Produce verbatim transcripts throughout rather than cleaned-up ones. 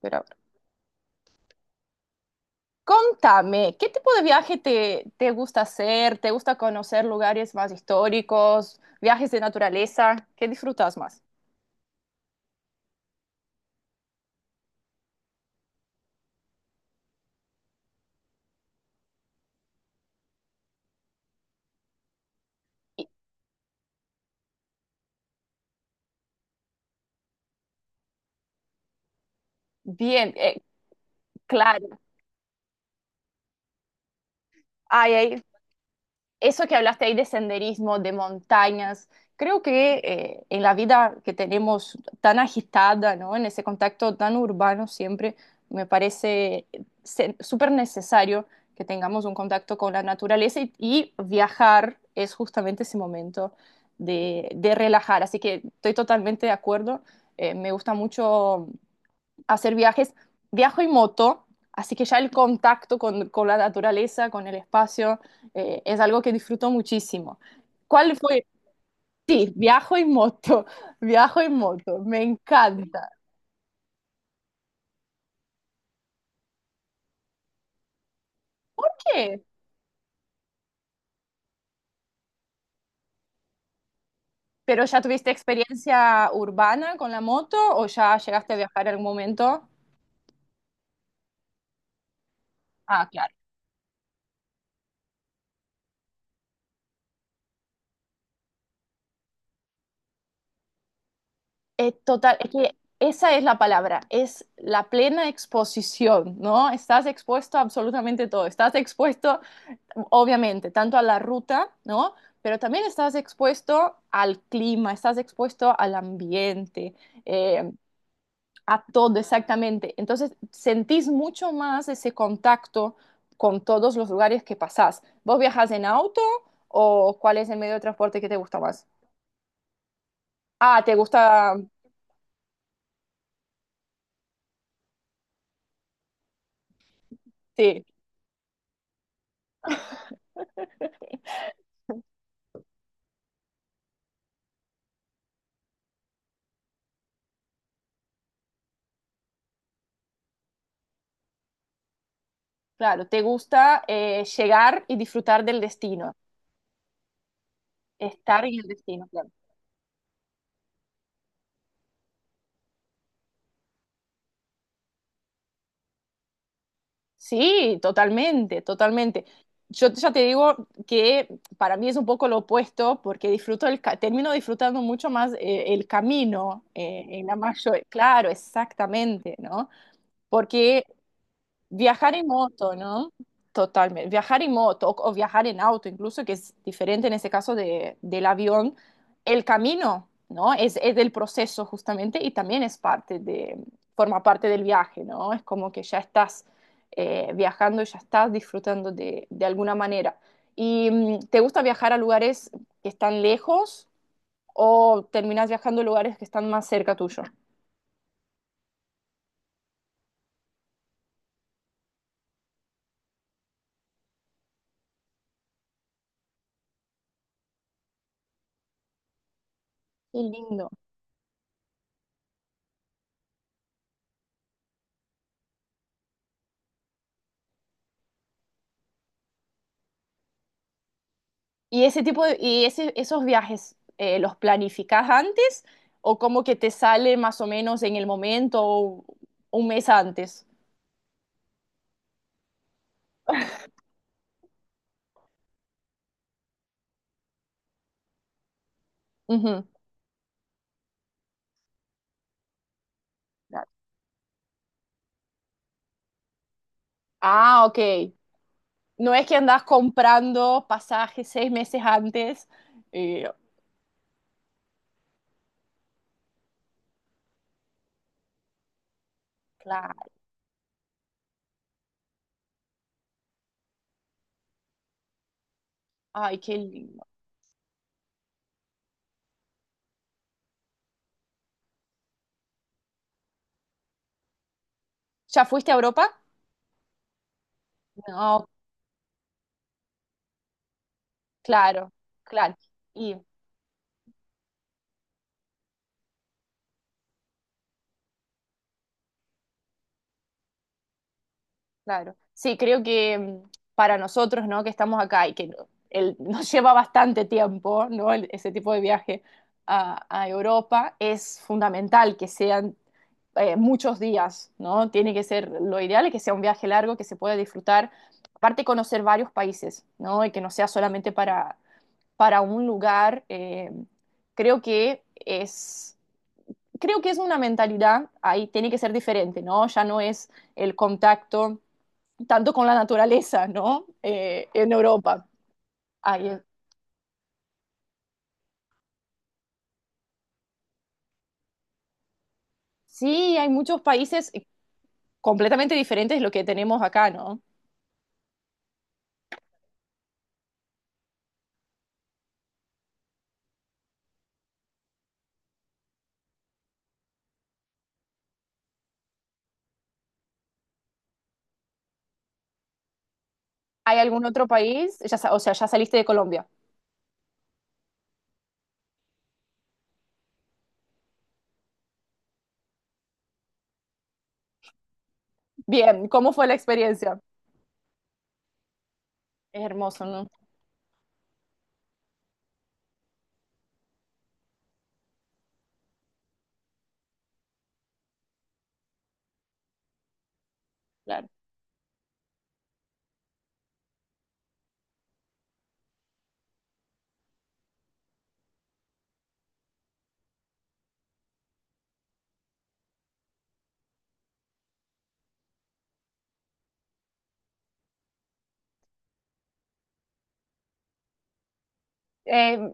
Pero ahora, contame, ¿qué tipo de viaje te, te gusta hacer? ¿Te gusta conocer lugares más históricos, viajes de naturaleza? ¿Qué disfrutas más? Y- Bien, eh, claro. Ay, ay, eso que hablaste ahí de senderismo, de montañas, creo que eh, en la vida que tenemos tan agitada, ¿no? En ese contacto tan urbano siempre, me parece se- súper necesario que tengamos un contacto con la naturaleza y, y viajar es justamente ese momento de, de relajar. Así que estoy totalmente de acuerdo. Eh, me gusta mucho hacer viajes. Viajo en moto, así que ya el contacto con, con la naturaleza, con el espacio, eh, es algo que disfruto muchísimo. ¿Cuál fue? Sí, viajo en moto, viajo en moto, me encanta. ¿Qué? ¿Pero ya tuviste experiencia urbana con la moto o ya llegaste a viajar en algún momento? Ah, claro. Es total, es que esa es la palabra, es la plena exposición, ¿no? Estás expuesto a absolutamente todo, estás expuesto obviamente, tanto a la ruta, ¿no? Pero también estás expuesto al clima, estás expuesto al ambiente, eh, a todo exactamente. Entonces, sentís mucho más ese contacto con todos los lugares que pasás. ¿Vos viajas en auto o cuál es el medio de transporte que te gusta más? Ah, te gusta, sí, claro, te gusta eh, llegar y disfrutar del destino, estar en el destino, claro. Sí, totalmente, totalmente. Yo ya te digo que para mí es un poco lo opuesto porque disfruto el, ca- termino disfrutando mucho más eh, el camino eh, en la mayor, claro, exactamente, ¿no? Porque viajar en moto, ¿no? Totalmente. Viajar en moto o, o viajar en auto, incluso, que es diferente en ese caso de, del avión, el camino, ¿no? Es, es del proceso justamente y también es parte de, forma parte del viaje, ¿no? Es como que ya estás eh, viajando y ya estás disfrutando de, de alguna manera. ¿Y mm, te gusta viajar a lugares que están lejos o terminas viajando a lugares que están más cerca tuyo? Qué lindo. ¿Y ese tipo de, y ese- esos viajes eh, los planificas antes o como que te sale más o menos en el momento o un mes antes? Ujú. Ah, ok. No es que andas comprando pasajes seis meses antes. eh, claro. Ay, qué lindo. ¿Ya fuiste a Europa? No, claro, claro. Y claro, sí, creo que mm, para nosotros, ¿no? Que estamos acá y que no- el- nos lleva bastante tiempo, ¿no? El- ese tipo de viaje a, a Europa, es fundamental que sean eh, muchos días, ¿no? Tiene que ser, lo ideal es que sea un viaje largo, que se pueda disfrutar, aparte conocer varios países, ¿no? Y que no sea solamente para, para un lugar. eh, creo que es, Creo que es una mentalidad, ahí tiene que ser diferente, ¿no? Ya no es el contacto tanto con la naturaleza, ¿no? Eh, en Europa. Hay- sí, hay muchos países completamente diferentes de lo que tenemos acá, ¿no? ¿Hay algún otro país? Ya, sa- o sea, ya saliste de Colombia. Bien, ¿cómo fue la experiencia? Es hermoso, ¿no? Claro. Eh,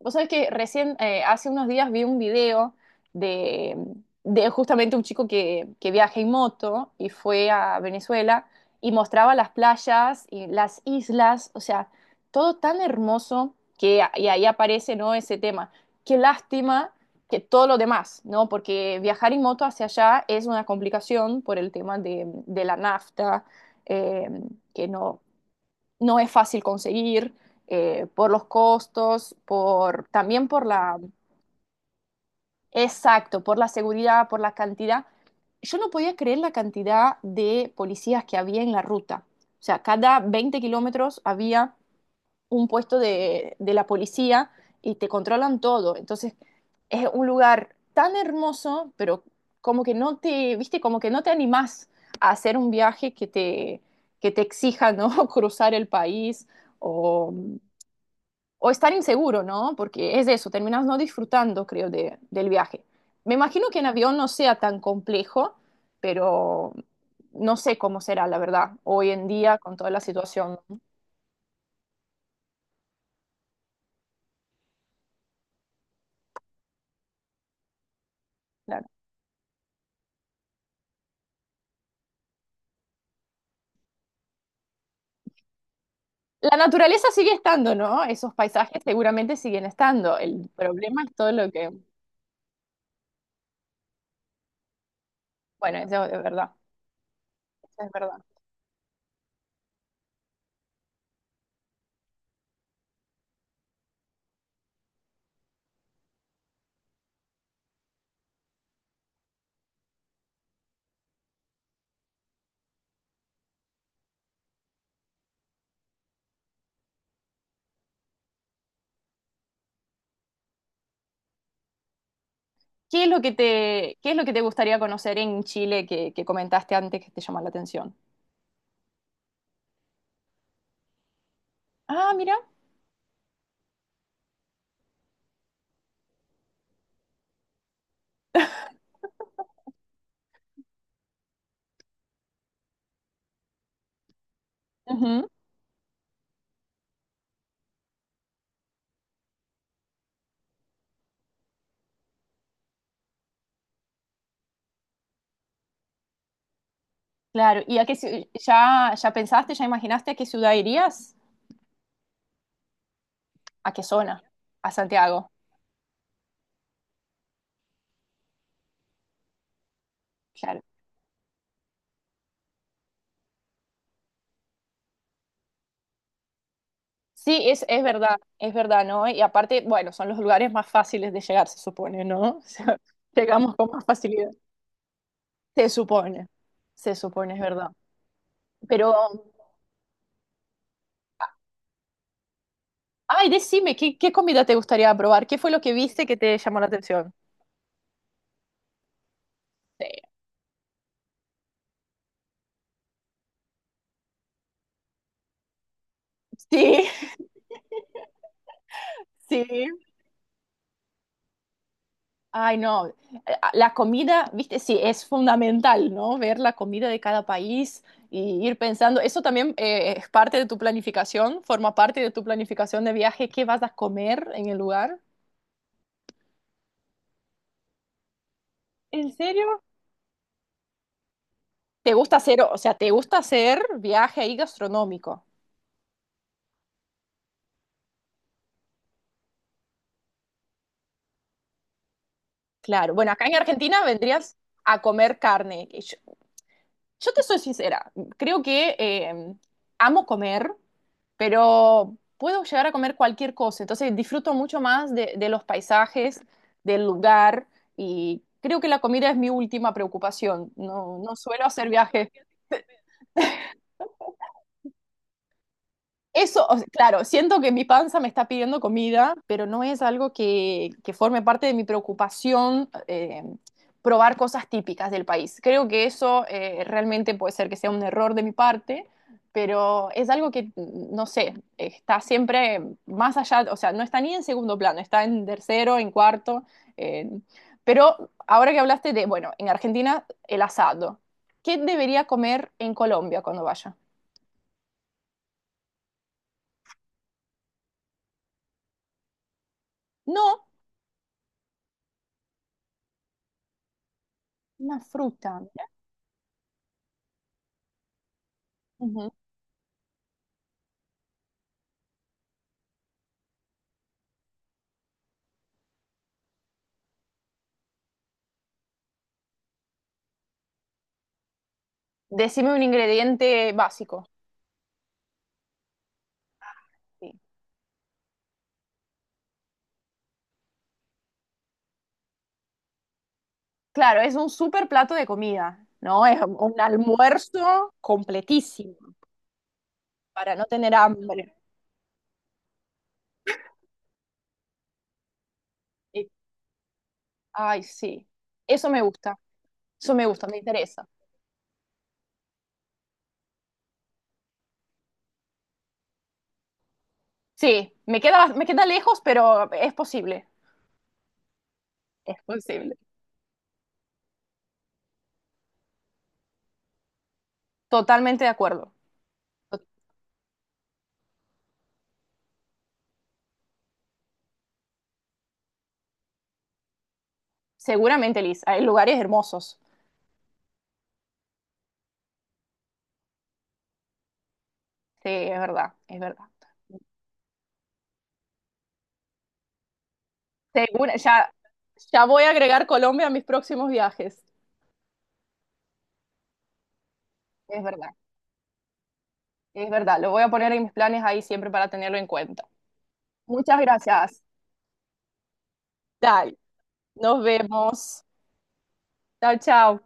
Vos sabés que recién, eh, hace unos días vi un video de, de justamente un chico que, que viaja en moto y fue a Venezuela y mostraba las playas y las islas, o sea, todo tan hermoso que a- y ahí aparece, ¿no? Ese tema. Qué lástima que todo lo demás, ¿no? Porque viajar en moto hacia allá es una complicación por el tema de, de la nafta, eh, que no, no es fácil conseguir eh, por los costos, por, también por la, exacto, por la seguridad, por la cantidad. Yo no podía creer la cantidad de policías que había en la ruta. O sea, cada veinte kilómetros había un puesto de, de la policía y te controlan todo. Entonces, es un lugar tan hermoso, pero como que no te, viste, como que no te animás a hacer un viaje que te, que te exija, ¿no? Cruzar el país o, o estar inseguro, ¿no? Porque es eso, terminas no disfrutando, creo, de- del viaje. Me imagino que en avión no sea tan complejo, pero no sé cómo será, la verdad, hoy en día con toda la situación. Claro. La naturaleza sigue estando, ¿no? Esos paisajes seguramente siguen estando. El problema es todo lo que... Bueno, eso es verdad, eso es verdad. ¿Qué es lo que te, ¿qué es lo que te gustaría conocer en Chile que, que comentaste antes que te llama la atención? Ah, mira. Claro, ¿y a qué ci- ya, ya pensaste, ya imaginaste a qué ciudad irías? ¿A qué zona? A Santiago, claro. Sí, es, es verdad, es verdad, ¿no? Y aparte, bueno, son los lugares más fáciles de llegar, se supone, ¿no? O sea, llegamos con más facilidad. Se supone, se supone, es verdad. Pero, ay, decime, ¿qué, ¿qué comida te gustaría probar? ¿Qué fue lo que viste que te llamó la atención? Sí, sí, sí. Ay, no, eh, la comida, viste, sí, es fundamental, ¿no? Ver la comida de cada país y ir pensando, eso también eh, es parte de tu planificación, forma parte de tu planificación de viaje, qué vas a comer en el lugar. ¿En serio? ¿Te gusta hacer, o sea, te gusta hacer viaje ahí gastronómico? Claro, bueno, acá en Argentina vendrías a comer carne. Yo te soy sincera, creo que eh, amo comer, pero puedo llegar a comer cualquier cosa, entonces disfruto mucho más de, de los paisajes, del lugar y creo que la comida es mi última preocupación. No, no suelo hacer viajes. Eso, o sea, claro, siento que mi panza me está pidiendo comida, pero no es algo que, que forme parte de mi preocupación eh, probar cosas típicas del país. Creo que eso eh, realmente puede ser que sea un error de mi parte, pero es algo que, no sé, está siempre más allá, o sea, no está ni en segundo plano, está en tercero, en cuarto. eh, pero ahora que hablaste de, bueno, en Argentina el asado, ¿qué debería comer en Colombia cuando vaya? No, una fruta. Ujú. Decime un ingrediente básico. Sí. Claro, es un super plato de comida, ¿no? Es un almuerzo completísimo para no tener hambre. Y- Ay, sí. Eso me gusta. Eso me gusta, me interesa. Sí, me queda, me queda lejos, pero es posible. Es posible. Totalmente de acuerdo. To- Seguramente, Liz, hay lugares hermosos. Sí, es verdad, es verdad. Segura- ya, ya voy a agregar Colombia a mis próximos viajes. Es verdad. Es verdad, lo voy a poner en mis planes ahí siempre para tenerlo en cuenta. Muchas gracias. Dale, nos vemos. Chao, chao.